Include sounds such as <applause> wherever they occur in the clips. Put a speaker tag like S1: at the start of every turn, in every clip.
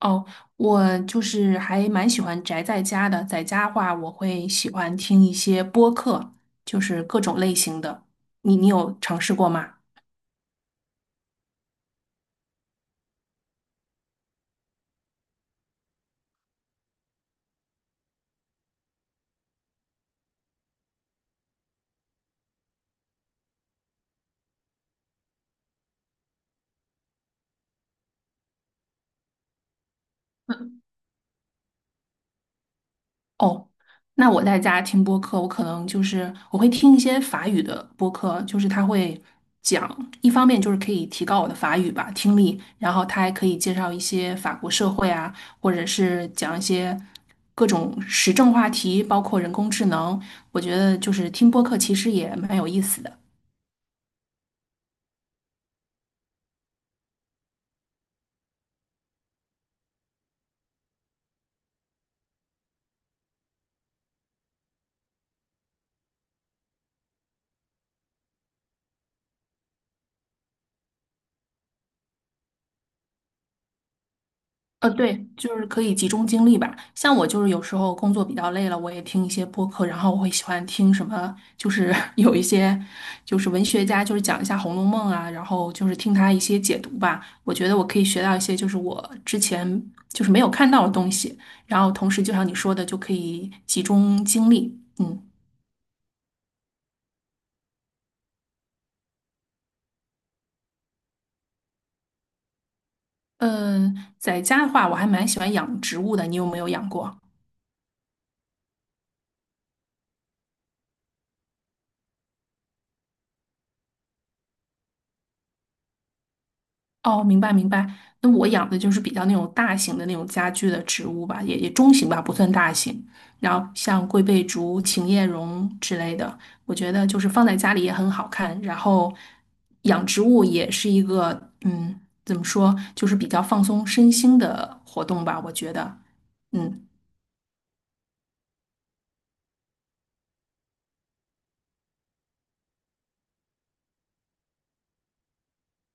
S1: 哦，我就是还蛮喜欢宅在家的，在家话我会喜欢听一些播客，就是各种类型的。你有尝试过吗？哦，那我在家听播客，我可能就是我会听一些法语的播客，就是他会讲，一方面就是可以提高我的法语吧，听力，然后他还可以介绍一些法国社会啊，或者是讲一些各种时政话题，包括人工智能，我觉得就是听播客其实也蛮有意思的。对，就是可以集中精力吧。像我就是有时候工作比较累了，我也听一些播客，然后我会喜欢听什么，就是 <laughs> 有一些就是文学家，就是讲一下《红楼梦》啊，然后就是听他一些解读吧。我觉得我可以学到一些就是我之前就是没有看到的东西，然后同时就像你说的，就可以集中精力。嗯嗯，在家的话，我还蛮喜欢养植物的，你有没有养过？哦，明白明白。那我养的就是比较那种大型的那种家具的植物吧，也中型吧，不算大型。然后像龟背竹、琴叶榕之类的，我觉得就是放在家里也很好看。然后养植物也是一个，怎么说，就是比较放松身心的活动吧，我觉得。嗯，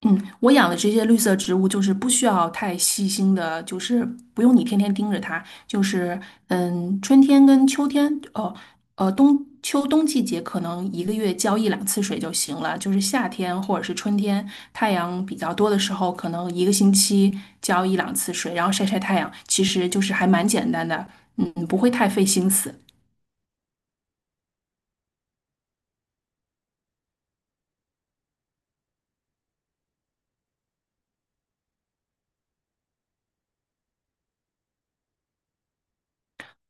S1: 嗯，我养的这些绿色植物就是不需要太细心的，就是不用你天天盯着它，春天跟秋天，冬秋冬季节可能一个月浇一两次水就行了，就是夏天或者是春天太阳比较多的时候，可能一个星期浇一两次水，然后晒晒太阳，其实就是还蛮简单的，嗯，不会太费心思。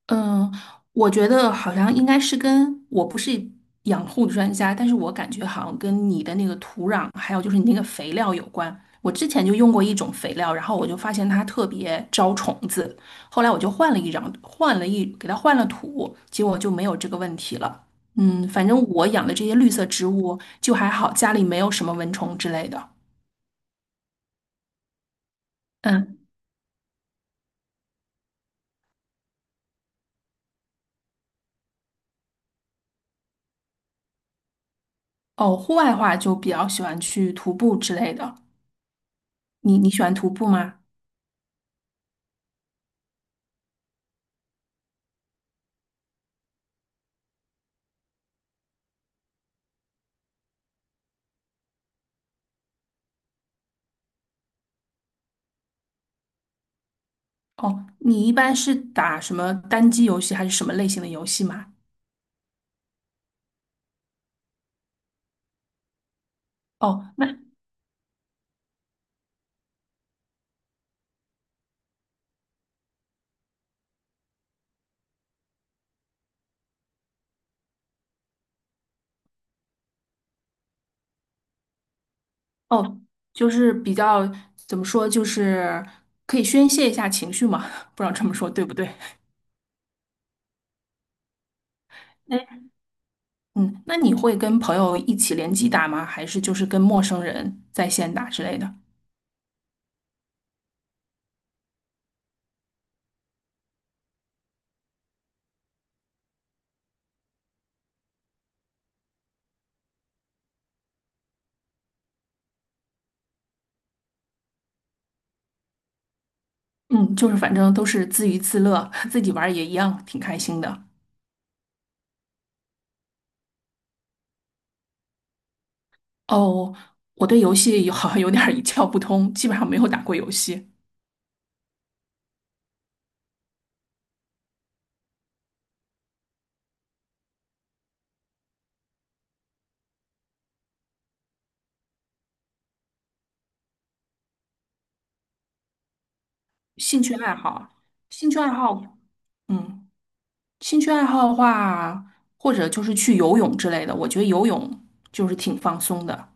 S1: 嗯，我觉得好像应该是跟我不是养护专家，但是我感觉好像跟你的那个土壤，还有就是你那个肥料有关。我之前就用过一种肥料，然后我就发现它特别招虫子，后来我就换了一张，换了一，给它换了土，结果就没有这个问题了。嗯，反正我养的这些绿色植物就还好，家里没有什么蚊虫之类的。嗯，哦，户外的话就比较喜欢去徒步之类的。你喜欢徒步吗？哦，你一般是打什么单机游戏还是什么类型的游戏吗？哦，那哦，就是比较怎么说，就是可以宣泄一下情绪嘛，<laughs> 不知道这么说对不对？哎，嗯，那你会跟朋友一起联机打吗？还是就是跟陌生人在线打之类的？嗯，就是反正都是自娱自乐，<laughs> 自己玩儿也一样，挺开心的。哦，我对游戏有 <laughs> 好像有点儿一窍不通，基本上没有打过游戏。兴趣爱好，兴趣爱好，嗯。兴趣爱好的话，或者就是去游泳之类的，我觉得游泳就是挺放松的。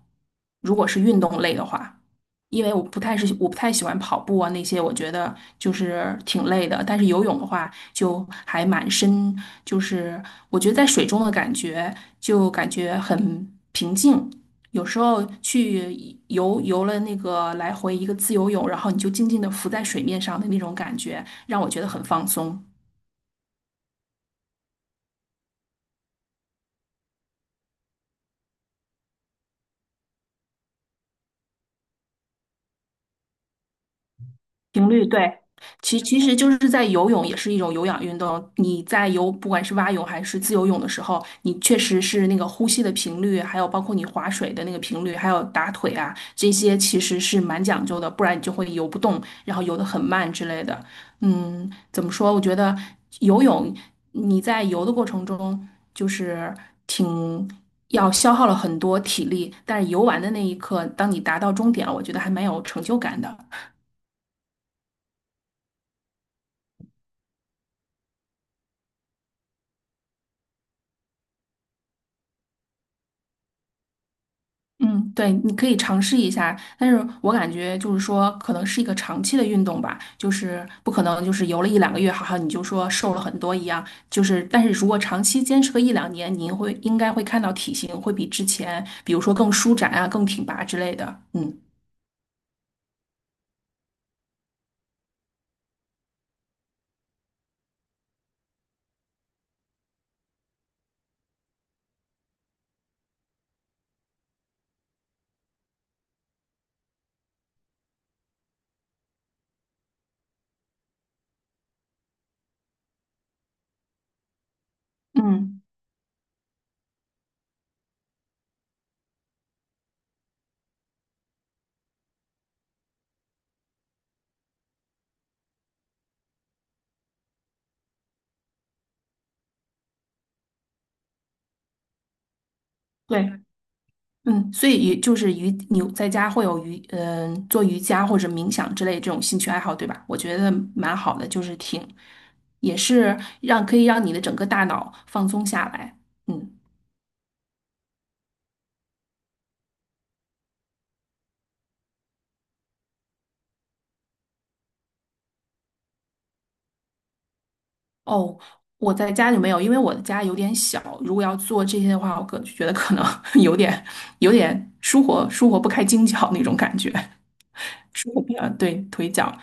S1: 如果是运动类的话，因为我不太是我不太喜欢跑步啊那些，我觉得就是挺累的。但是游泳的话，就还蛮深，就是我觉得在水中的感觉就感觉很平静。有时候去游游了那个来回一个自由泳，然后你就静静的浮在水面上的那种感觉，让我觉得很放松。频率对，其实就是在游泳也是一种有氧运动。你在游，不管是蛙泳还是自由泳的时候，你确实是那个呼吸的频率，还有包括你划水的那个频率，还有打腿啊，这些其实是蛮讲究的，不然你就会游不动，然后游得很慢之类的。嗯，怎么说？我觉得游泳你在游的过程中就是挺要消耗了很多体力，但是游完的那一刻，当你达到终点了，我觉得还蛮有成就感的。嗯，对，你可以尝试一下，但是我感觉就是说，可能是一个长期的运动吧，就是不可能就是游了一两个月，好像你就说瘦了很多一样，就是但是如果长期坚持个一两年，您会应该会看到体型会比之前，比如说更舒展啊，更挺拔之类的。嗯嗯，对，嗯，所以也就是瑜，你在家会有瑜，做瑜伽或者冥想之类这种兴趣爱好，对吧？我觉得蛮好的，就是挺，也是让可以让你的整个大脑放松下来。嗯，哦，我在家就没有，因为我的家有点小，如果要做这些的话，我可觉得可能 <laughs> 有点有点舒活不开筋脚那种感觉，舒活不了，对，腿脚。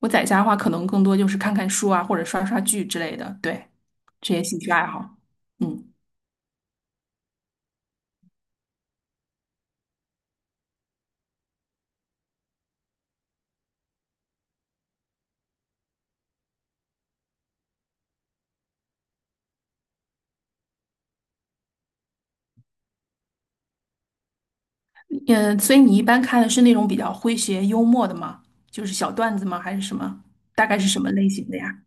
S1: 我在家的话，可能更多就是看看书啊，或者刷刷剧之类的，对，这些兴趣爱好。嗯。嗯，所以你一般看的是那种比较诙谐幽默的吗？就是小段子吗？还是什么？大概是什么类型的呀？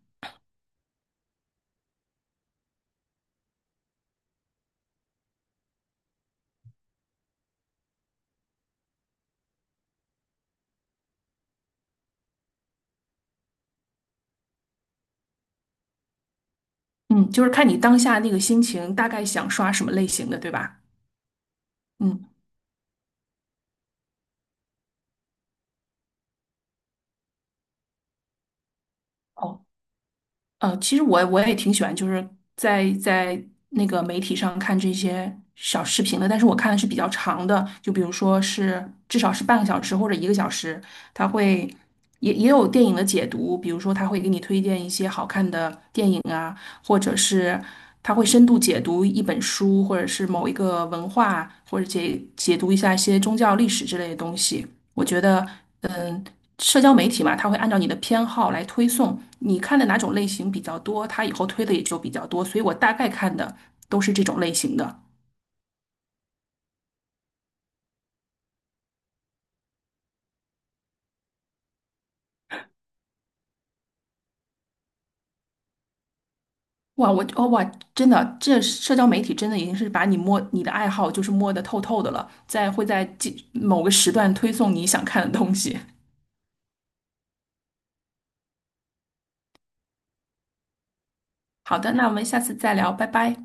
S1: 嗯，就是看你当下那个心情，大概想刷什么类型的，对吧？嗯，哦，其实我也挺喜欢，就是在那个媒体上看这些小视频的，但是我看的是比较长的，就比如说是至少是半个小时或者一个小时，它会也有电影的解读，比如说它会给你推荐一些好看的电影啊，或者是它会深度解读一本书，或者是某一个文化，或者解读一下一些宗教历史之类的东西。我觉得，嗯，社交媒体嘛，它会按照你的偏好来推送，你看的哪种类型比较多，它以后推的也就比较多，所以我大概看的都是这种类型的。哇，我哦哇，真的，这社交媒体真的已经是把你摸你的爱好就是摸得透透的了，在某个时段推送你想看的东西。好的，那我们下次再聊，拜拜。